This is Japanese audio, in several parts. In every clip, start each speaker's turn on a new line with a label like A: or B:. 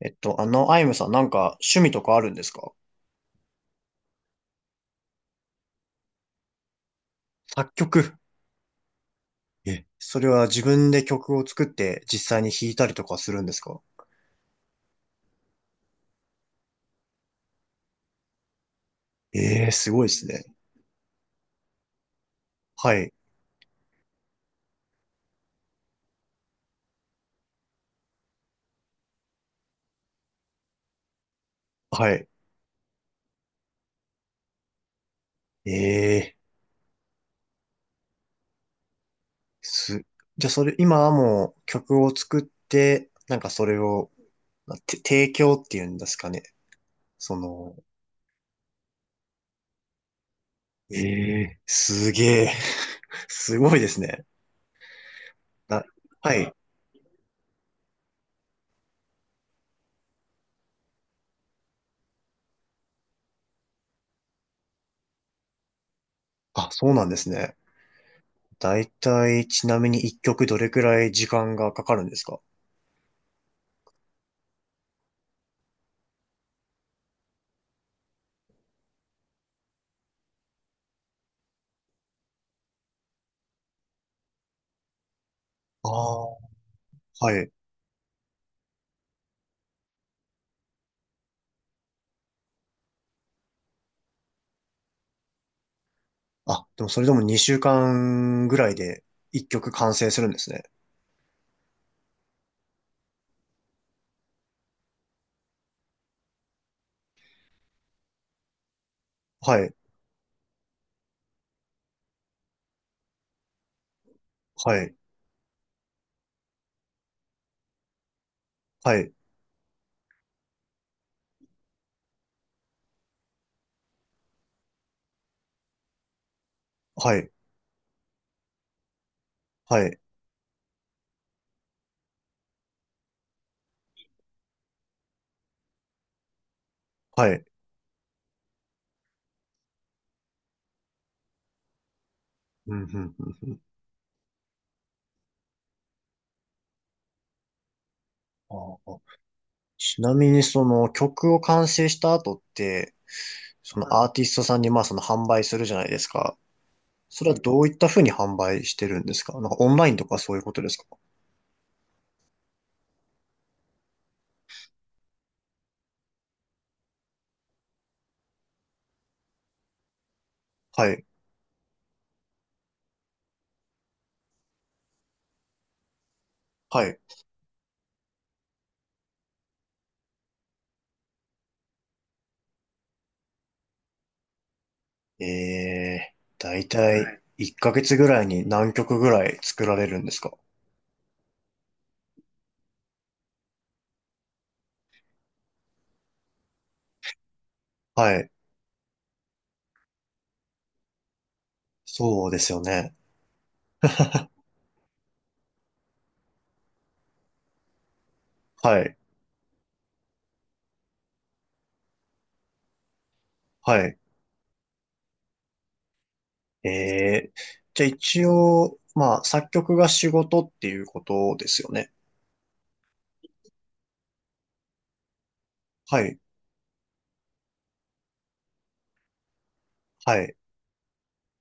A: アイムさん、なんか趣味とかあるんですか？作曲。え、それは自分で曲を作って実際に弾いたりとかするんですか？ええー、すごいですね。はい、はい。ええー、す、じゃあそれ、今はもう曲を作って、なんかそれを、まて提供っていうんですかね。その、ええー、すげえ、すごいですね。な、はい。あ、そうなんですね。だいたい、ちなみに一曲どれくらい時間がかかるんですか？ああ、はい。あ、でもそれでも2週間ぐらいで1曲完成するんですね。はい、はい、はい、はい、はい、はい。うん、うん、うん、うん。ああ、ちなみにその曲を完成した後って、そのアーティストさんにまあその販売するじゃないですか。それはどういった風に販売してるんですか？なんかオンラインとかそういうことですか？はい、はい。ええ、だいたいい。1ヶ月ぐらいに何曲ぐらい作られるんですか？はい、そうですよね。はい、はい。えー、じゃあ一応、まあ、作曲が仕事っていうことですよね。はい、はい。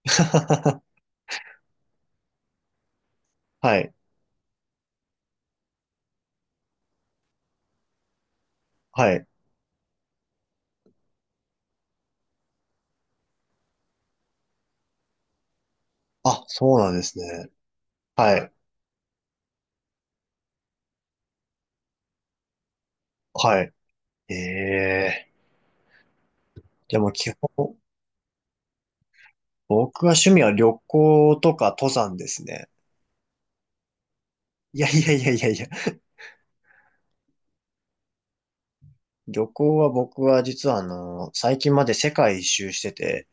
A: はい、はい。あ、そうなんですね。はい、はい。えでも基本、僕は趣味は旅行とか登山ですね。いやいやいやいやいや。旅行は僕は実は最近まで世界一周してて、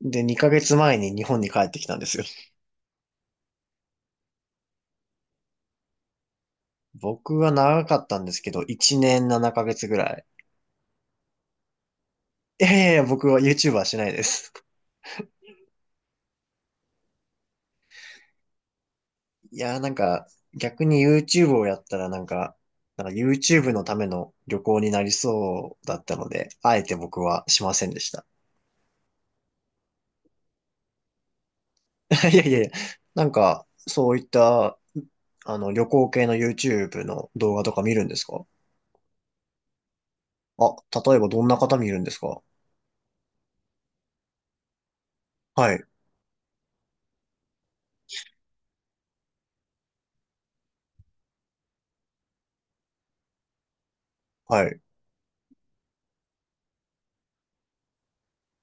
A: で、2ヶ月前に日本に帰ってきたんですよ。僕は長かったんですけど、1年7ヶ月ぐらい。いやいやいや、僕は YouTube はしないです。いやー、なんか、逆に YouTube をやったらなんか YouTube のための旅行になりそうだったので、あえて僕はしませんでした。いやいやいや、なんか、そういった、旅行系の YouTube の動画とか見るんですか？あ、例えばどんな方見るんですか？はい、はい、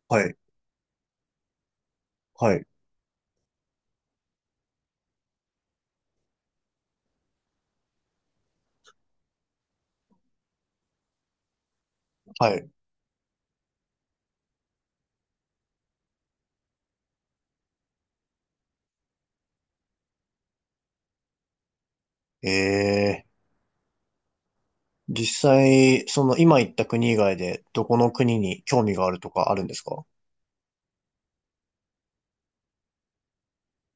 A: はい、はい、はい。ええ、実際、その今行った国以外で、どこの国に興味があるとかあるんですか？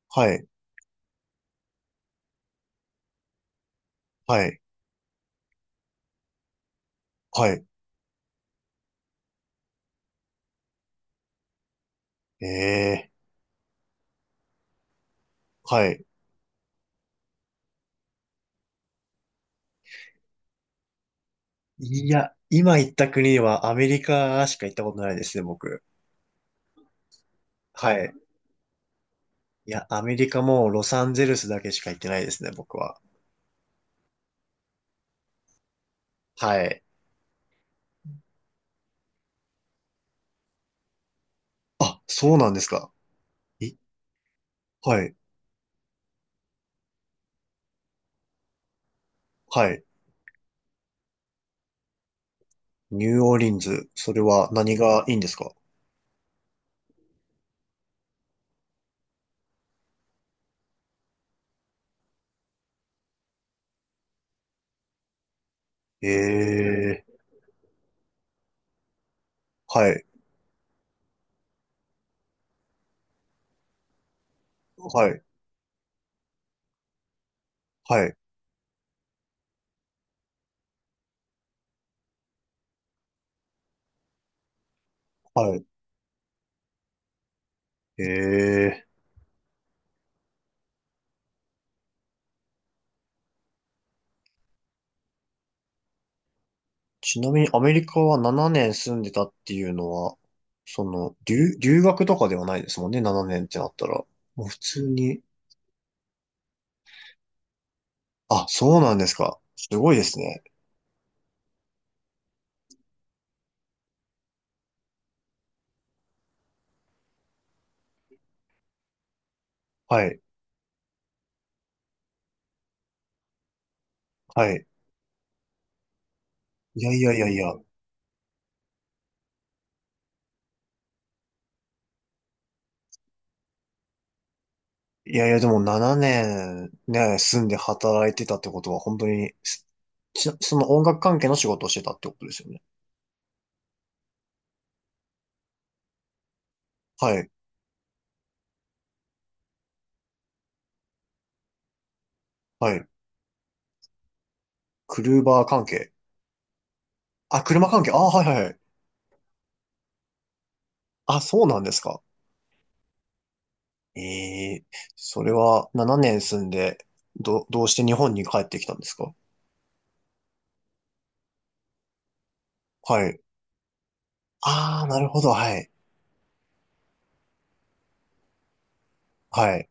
A: はい。はいはい。ええ、はい。いや、今行った国はアメリカしか行ったことないですね、僕。はい。いや、アメリカもロサンゼルスだけしか行ってないですね、僕は。はい。あ、そうなんですか。え、はい。はい。ニューオーリンズ、それは何がいいんですか？ええ、はい。はい。はい。はい。ええ。ちなみにアメリカは7年住んでたっていうのは、留学とかではないですもんね、7年ってなったら。もう普通に。あ、そうなんですか。すごいですね。はい、はい。いやいやいやいや。いやいや、でも7年ねんね、住んで働いてたってことは、本当に、その音楽関係の仕事をしてたってことですよね。はい、はい。クルーバー関係。あ、車関係。あ、はいはいはい。あ、そうなんですか。ええ、それは7年住んで、どうして日本に帰ってきたんですか？はい。ああ、なるほど、はい。はい。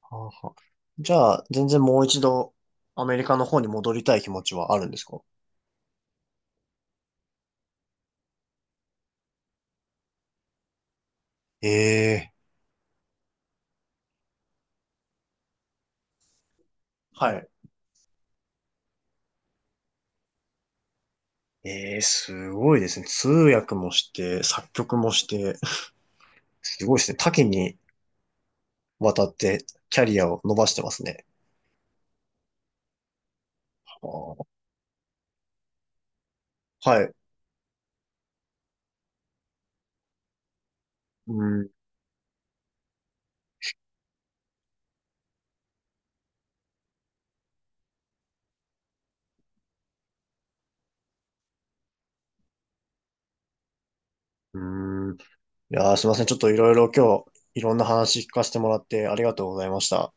A: はあはあ、じゃあ、全然もう一度、アメリカの方に戻りたい気持ちはあるんですか？ええ、はい。ええ、すごいですね。通訳もして、作曲もして、すごいですね。多岐にわたってキャリアを伸ばしてますね。はあ、はい。うん。うん。いやー、すいません。ちょっといろいろ今日、いろんな話聞かせてもらってありがとうございました。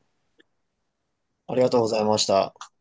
A: ありがとうございました。